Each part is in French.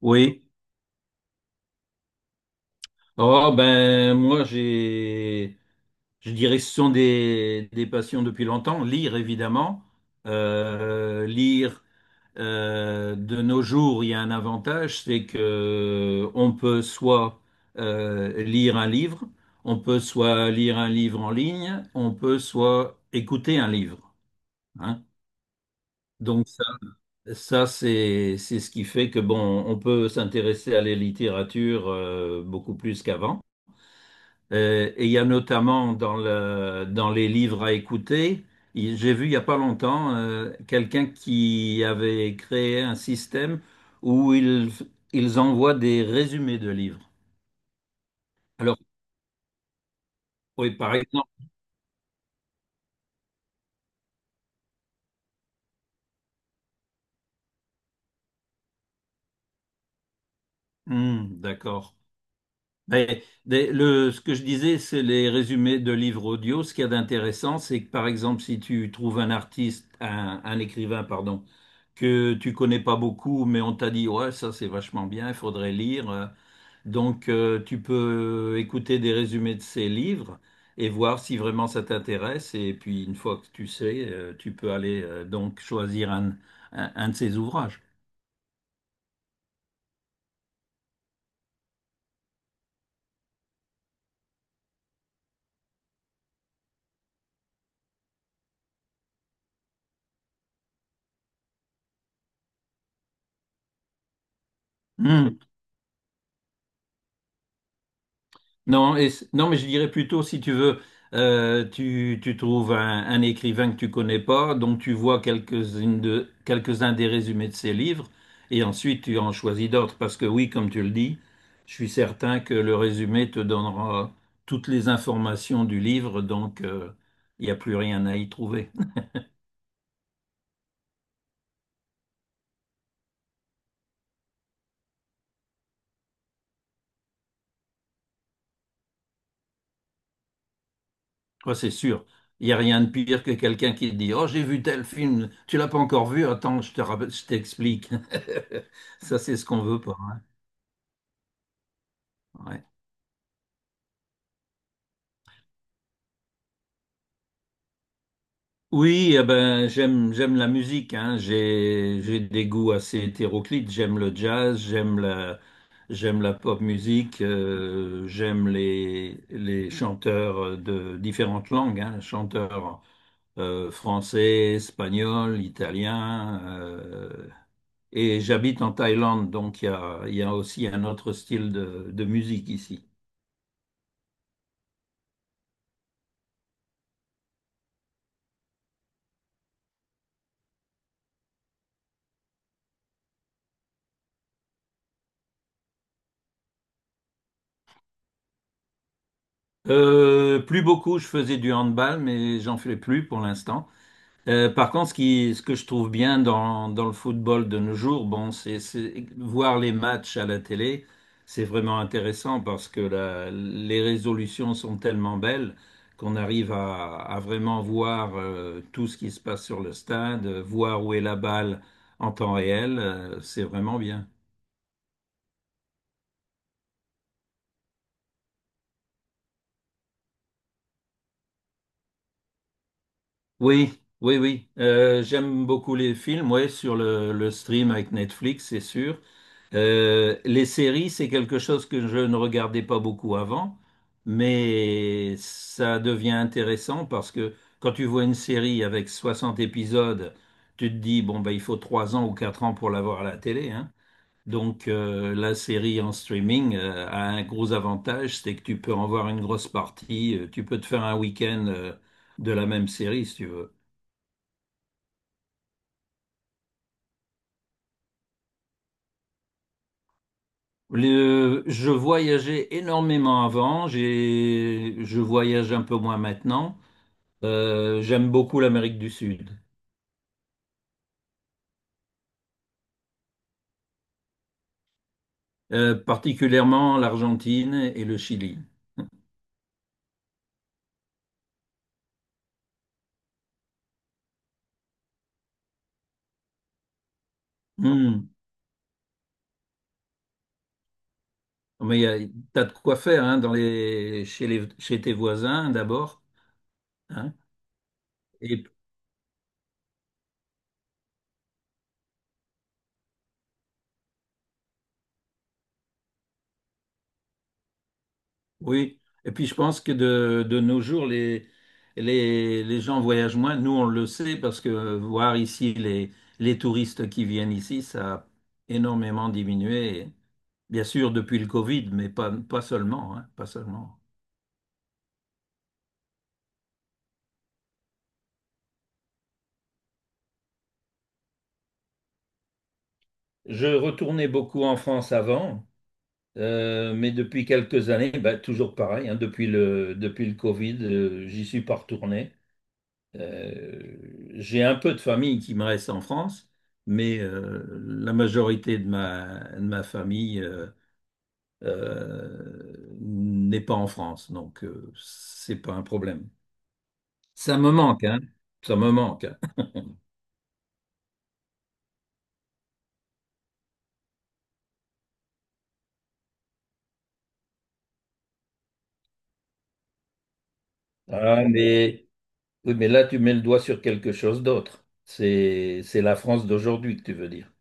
Oui. Oh ben moi j'ai je dirais ce sont des passions depuis longtemps. Lire évidemment. Lire , de nos jours, il y a un avantage, c'est que on peut soit lire un livre, on peut soit lire un livre en ligne, on peut soit écouter un livre. Hein. Donc ça c'est ce qui fait que bon, on peut s'intéresser à la littérature, beaucoup plus qu'avant. Et il y a notamment dans les livres à écouter, j'ai vu il n'y a pas longtemps quelqu'un qui avait créé un système où ils envoient des résumés de livres. Alors, oui, par exemple, hmm, d'accord. Mais ce que je disais, c'est les résumés de livres audio. Ce qu'il y a d'intéressant, c'est que par exemple, si tu trouves un artiste, un écrivain, pardon, que tu connais pas beaucoup, mais on t'a dit, ouais, ça c'est vachement bien, il faudrait lire. Donc, tu peux écouter des résumés de ces livres et voir si vraiment ça t'intéresse. Et puis, une fois que tu sais, tu peux aller donc choisir un de ces ouvrages. Hmm. Non, et non, mais je dirais plutôt, si tu veux, tu trouves un écrivain que tu connais pas, donc tu vois quelques-uns des résumés de ses livres, et ensuite tu en choisis d'autres, parce que oui, comme tu le dis, je suis certain que le résumé te donnera toutes les informations du livre, donc il n'y a plus rien à y trouver. Ouais, c'est sûr. Il n'y a rien de pire que quelqu'un qui te dit, oh, j'ai vu tel film, tu l'as pas encore vu, attends, je t'explique. Ça, c'est ce qu'on veut pas. Hein. Ouais. Oui, eh ben, j'aime la musique, hein. J'ai des goûts assez hétéroclites. J'aime le jazz, j'aime la pop musique, j'aime les chanteurs, de différentes langues, hein. Chanteurs, français, espagnol, italien. Et j'habite en Thaïlande, donc il y a aussi un autre style de musique ici. Plus beaucoup, je faisais du handball, mais j'en fais plus pour l'instant. Par contre, ce que je trouve bien dans le football de nos jours, bon, c'est voir les matchs à la télé, c'est vraiment intéressant parce que les résolutions sont tellement belles qu'on arrive à vraiment voir tout ce qui se passe sur le stade, voir où est la balle en temps réel, c'est vraiment bien. Oui, oui, oui. J'aime beaucoup les films, ouais, sur le stream avec Netflix, c'est sûr. Les séries, c'est quelque chose que je ne regardais pas beaucoup avant, mais ça devient intéressant parce que quand tu vois une série avec 60 épisodes, tu te dis, bon, ben, il faut 3 ans ou 4 ans pour l'avoir à la télé, hein. Donc, la série en streaming, a un gros avantage, c'est que tu peux en voir une grosse partie, tu peux te faire un week-end, de la même série si tu veux. Je voyageais énormément avant, je voyage un peu moins maintenant. J'aime beaucoup l'Amérique du Sud, particulièrement l'Argentine et le Chili. Hmm. Mais t'as de quoi faire hein, dans les, chez tes voisins d'abord. Hein. Et oui. Et puis je pense que de nos jours, les gens voyagent moins. Nous, on le sait parce que voir ici les touristes qui viennent ici, ça a énormément diminué. Bien sûr, depuis le Covid, mais pas, pas seulement, hein, pas seulement. Je retournais beaucoup en France avant, mais depuis quelques années, bah, toujours pareil, hein, depuis le Covid, j'y suis pas retourné. J'ai un peu de famille qui me reste en France, mais la majorité de ma famille n'est pas en France, donc c'est pas un problème. Ça me manque, hein. Ça me manque. Ah, oui, mais là, tu mets le doigt sur quelque chose d'autre. C'est la France d'aujourd'hui que tu veux dire.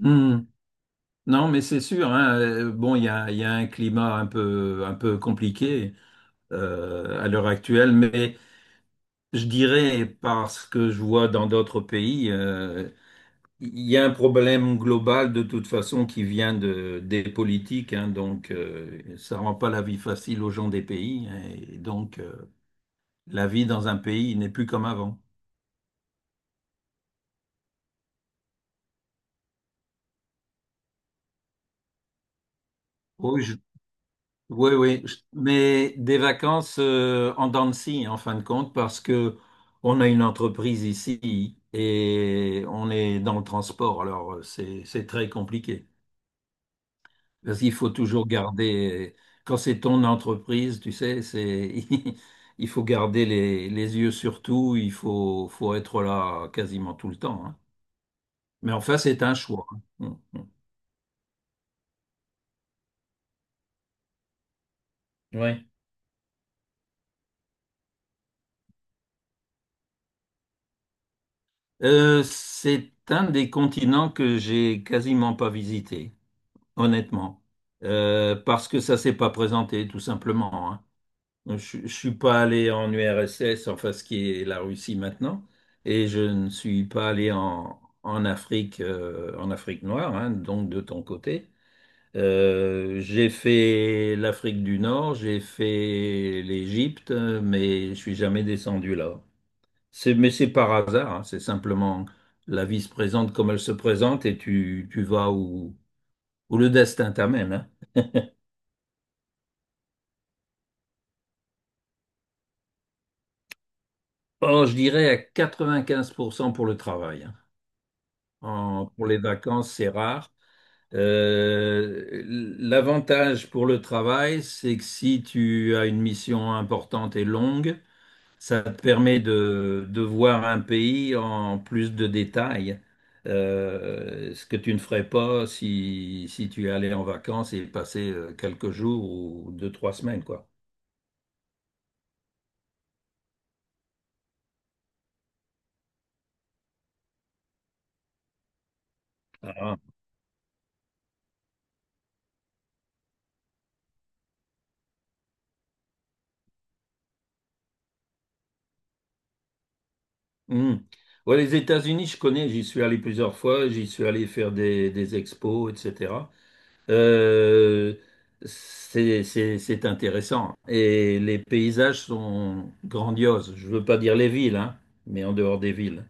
Hmm. Non, mais c'est sûr, hein, bon, il y a un climat un peu compliqué à l'heure actuelle, mais je dirais, parce que je vois dans d'autres pays, il y a un problème global de toute façon qui vient des politiques, hein, donc ça rend pas la vie facile aux gens des pays, hein, et donc la vie dans un pays n'est plus comme avant. Oui, oui, mais des vacances en dents de scie, en fin de compte, parce que on a une entreprise ici et on est dans le transport, alors c'est très compliqué. Parce qu'il faut toujours garder, quand c'est ton entreprise, tu sais, c'est il faut garder les yeux sur tout, il faut être là quasiment tout le temps. Hein. Mais enfin, c'est un choix. Hein. Mm, mm. Ouais. C'est un des continents que j'ai quasiment pas visité, honnêtement. Parce que ça s'est pas présenté, tout simplement. Hein. Je suis pas allé en URSS, enfin ce qui est la Russie maintenant, et je ne suis pas allé en Afrique, en Afrique noire, hein, donc de ton côté. J'ai fait l'Afrique du Nord, j'ai fait l'Égypte, mais je suis jamais descendu là. Mais c'est par hasard, hein, c'est simplement la vie se présente comme elle se présente et tu vas où le destin t'amène. Hein. Oh, je dirais à 95% pour cent pour le travail. Hein. Pour les vacances, c'est rare. Euh, l'avantage pour le travail, c'est que si tu as une mission importante et longue, ça te permet de voir un pays en plus de détails. Ce que tu ne ferais pas si tu allais en vacances et passer quelques jours ou 2, 3 semaines, quoi. Ah, hmm. Ouais, les États-Unis, je connais, j'y suis allé plusieurs fois, j'y suis allé faire des expos, etc. Euh, c'est intéressant. Et les paysages sont grandioses. Je veux pas dire les villes, hein, mais en dehors des villes,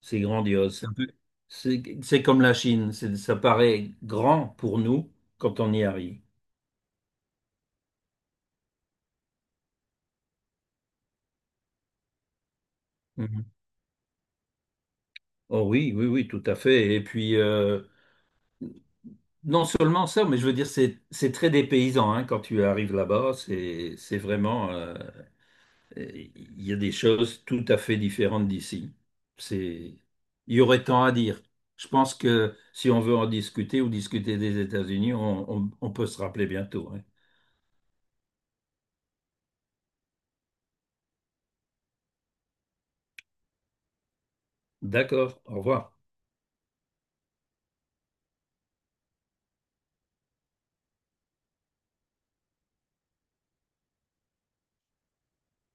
c'est grandiose. C'est comme la Chine, ça paraît grand pour nous quand on y arrive. Mhm. Oh oui, oui, oui, tout à fait. Et puis, non seulement ça, mais je veux dire, c'est très dépaysant hein, quand tu arrives là-bas. C'est vraiment, il y a des choses tout à fait différentes d'ici. C'est, il y aurait tant à dire. Je pense que si on veut en discuter ou discuter des États-Unis, on peut se rappeler bientôt. Hein. D'accord, au revoir.